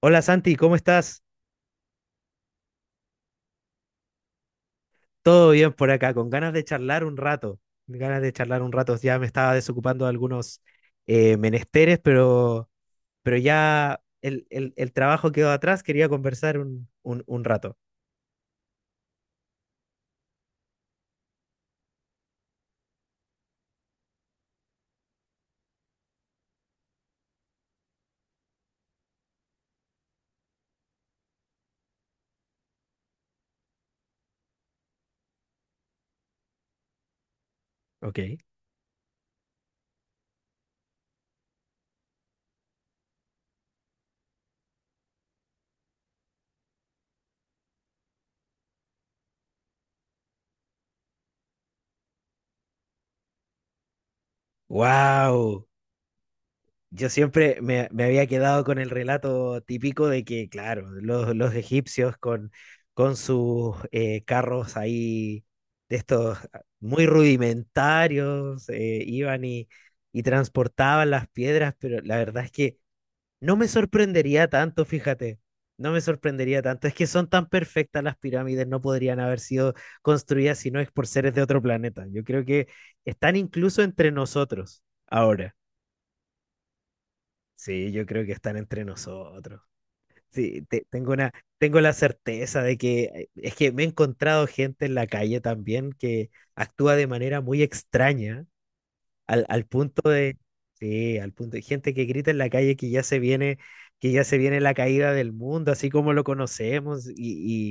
Hola Santi, ¿cómo estás? Todo bien por acá, con ganas de charlar un rato. Ganas de charlar un rato, ya me estaba desocupando de algunos menesteres, pero ya el trabajo quedó atrás, quería conversar un rato. Ok. ¡Wow! Yo siempre me había quedado con el relato típico de que, claro, los egipcios con sus carros ahí de estos muy rudimentarios, iban y transportaban las piedras, pero la verdad es que no me sorprendería tanto, fíjate, no me sorprendería tanto. Es que son tan perfectas las pirámides, no podrían haber sido construidas si no es por seres de otro planeta. Yo creo que están incluso entre nosotros ahora. Sí, yo creo que están entre nosotros. Sí, tengo una, tengo la certeza de que es que me he encontrado gente en la calle también que actúa de manera muy extraña, al punto de, sí, al punto de gente que grita en la calle que ya se viene, que ya se viene la caída del mundo, así como lo conocemos.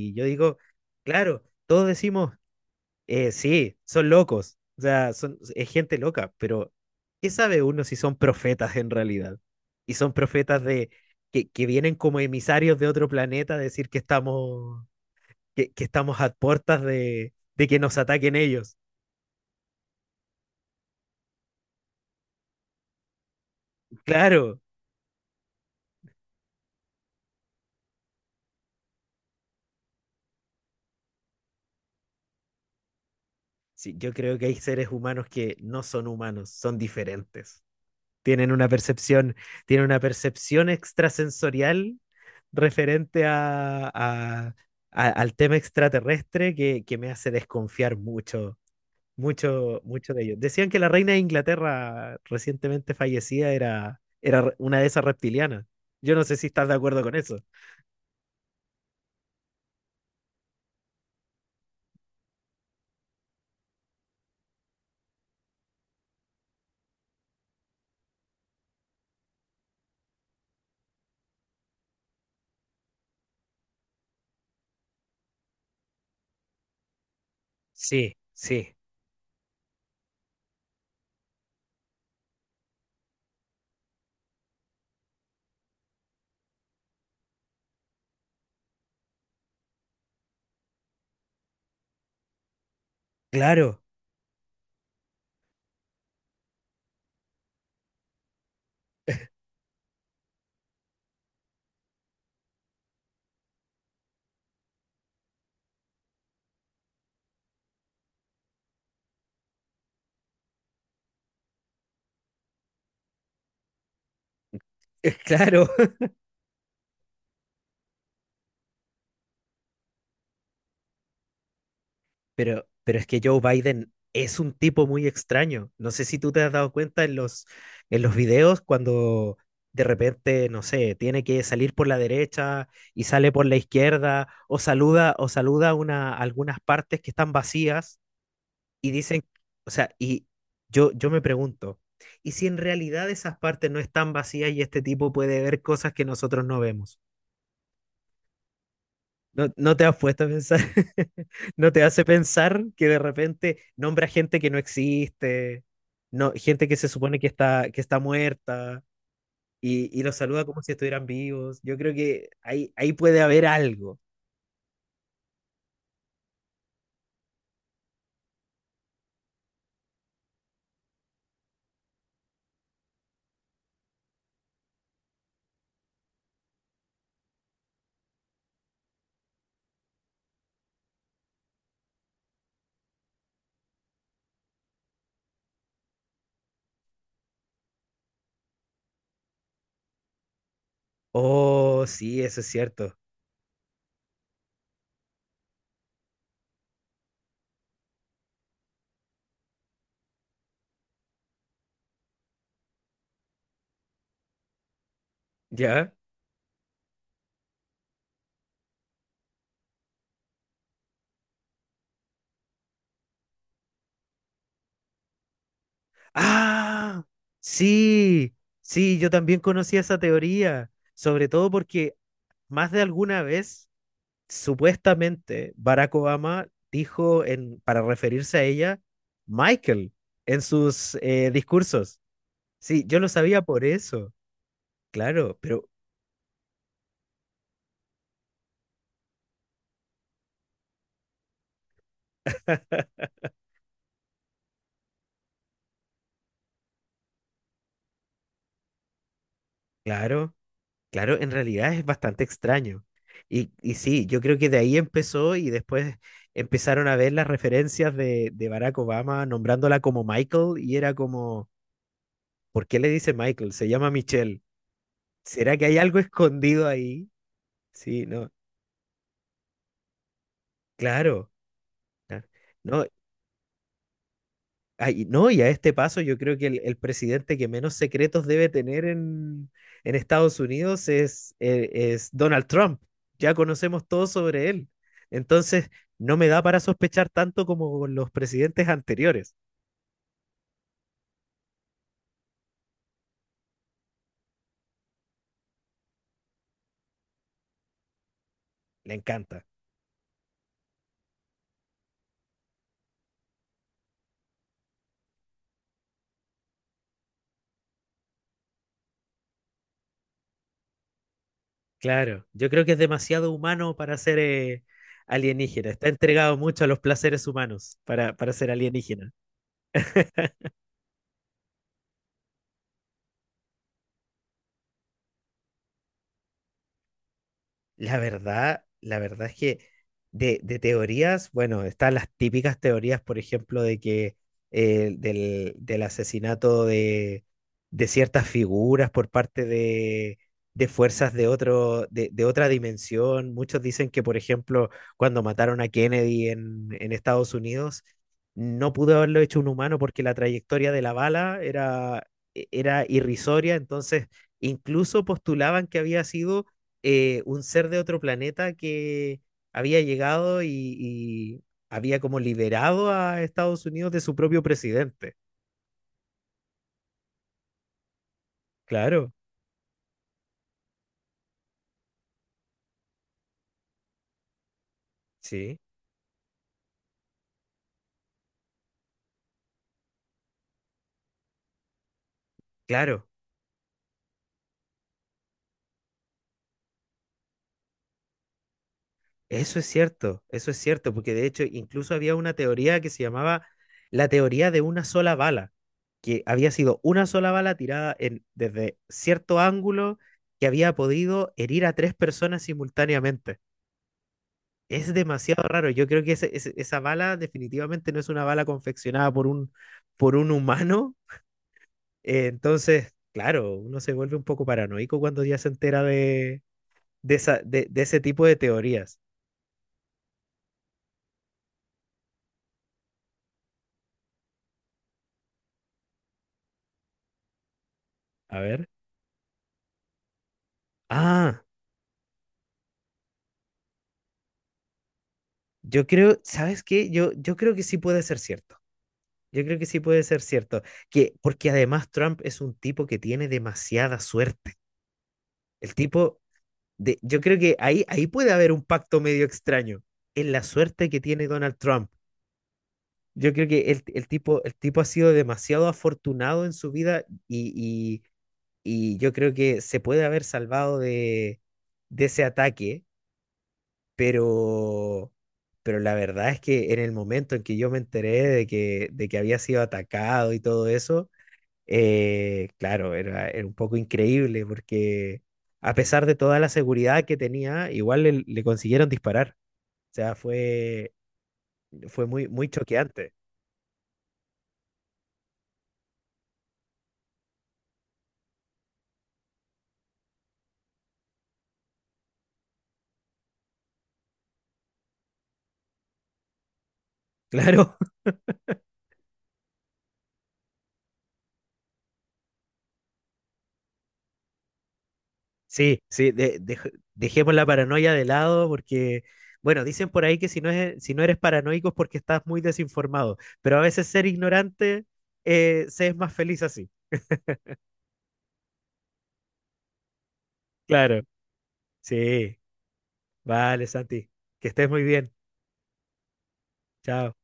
Y yo digo, claro, todos decimos, sí, son locos. O sea, son, es gente loca, pero ¿qué sabe uno si son profetas en realidad? Y son profetas de que vienen como emisarios de otro planeta a decir que estamos, que estamos a puertas de que nos ataquen ellos. Claro, sí, yo creo que hay seres humanos que no son humanos, son diferentes. Tienen una percepción, tienen una percepción extrasensorial referente a, al tema extraterrestre que me hace desconfiar mucho, mucho, mucho de ellos. Decían que la reina de Inglaterra recientemente fallecida era, era una de esas reptilianas. Yo no sé si estás de acuerdo con eso. Sí, sí, claro, claro. Pero es que Joe Biden es un tipo muy extraño. No sé si tú te has dado cuenta en los videos cuando de repente, no sé, tiene que salir por la derecha y sale por la izquierda o saluda una, algunas partes que están vacías y dicen, o sea, y yo me pregunto, ¿y si en realidad esas partes no están vacías y este tipo puede ver cosas que nosotros no vemos? No, no te has puesto a pensar, no te hace pensar que de repente nombra gente que no existe, no, gente que se supone que está muerta y los saluda como si estuvieran vivos. Yo creo que ahí, ahí puede haber algo. Oh, sí, eso es cierto. ¿Ya? Ah, sí, sí, yo también conocía esa teoría, sobre todo porque más de alguna vez supuestamente Barack Obama dijo en, para referirse a ella, Michael, en sus discursos. Sí, yo lo sabía por eso, claro, pero claro, claro, en realidad es bastante extraño. Y sí, yo creo que de ahí empezó y después empezaron a ver las referencias de Barack Obama nombrándola como Michael y era como, ¿por qué le dice Michael? Se llama Michelle. ¿Será que hay algo escondido ahí? Sí, no, claro. Claro. No, ay, no, y a este paso yo creo que el presidente que menos secretos debe tener en Estados Unidos es Donald Trump. Ya conocemos todo sobre él. Entonces, no me da para sospechar tanto como con los presidentes anteriores. Le encanta. Claro, yo creo que es demasiado humano para ser alienígena. Está entregado mucho a los placeres humanos para ser alienígena. La verdad es que de teorías, bueno, están las típicas teorías, por ejemplo, de que del, del asesinato de ciertas figuras por parte de fuerzas de otro, de otra dimensión. Muchos dicen que, por ejemplo, cuando mataron a Kennedy en Estados Unidos, no pudo haberlo hecho un humano porque la trayectoria de la bala era, era irrisoria, entonces incluso postulaban que había sido un ser de otro planeta que había llegado y había como liberado a Estados Unidos de su propio presidente. Claro, sí, claro. Eso es cierto, porque de hecho incluso había una teoría que se llamaba la teoría de una sola bala, que había sido una sola bala tirada en, desde cierto ángulo que había podido herir a tres personas simultáneamente. Es demasiado raro. Yo creo que esa bala definitivamente no es una bala confeccionada por un humano. Entonces, claro, uno se vuelve un poco paranoico cuando ya se entera de, de ese tipo de teorías. A ver. Ah, yo creo, ¿sabes qué? Yo creo que sí puede ser cierto. Yo creo que sí puede ser cierto. Que, porque además Trump es un tipo que tiene demasiada suerte. El tipo de, yo creo que ahí, ahí puede haber un pacto medio extraño en la suerte que tiene Donald Trump. Yo creo que el tipo ha sido demasiado afortunado en su vida y yo creo que se puede haber salvado de ese ataque, pero, pero la verdad es que en el momento en que yo me enteré de que había sido atacado y todo eso, claro, era, era un poco increíble porque a pesar de toda la seguridad que tenía, igual le, le consiguieron disparar. O sea, fue, fue muy, muy choqueante. Claro. Sí, sí, dejemos la paranoia de lado porque, bueno, dicen por ahí que si no es, si no eres paranoico es porque estás muy desinformado, pero a veces ser ignorante se es más feliz así. Claro. Sí, vale, Santi, que estés muy bien. Chao.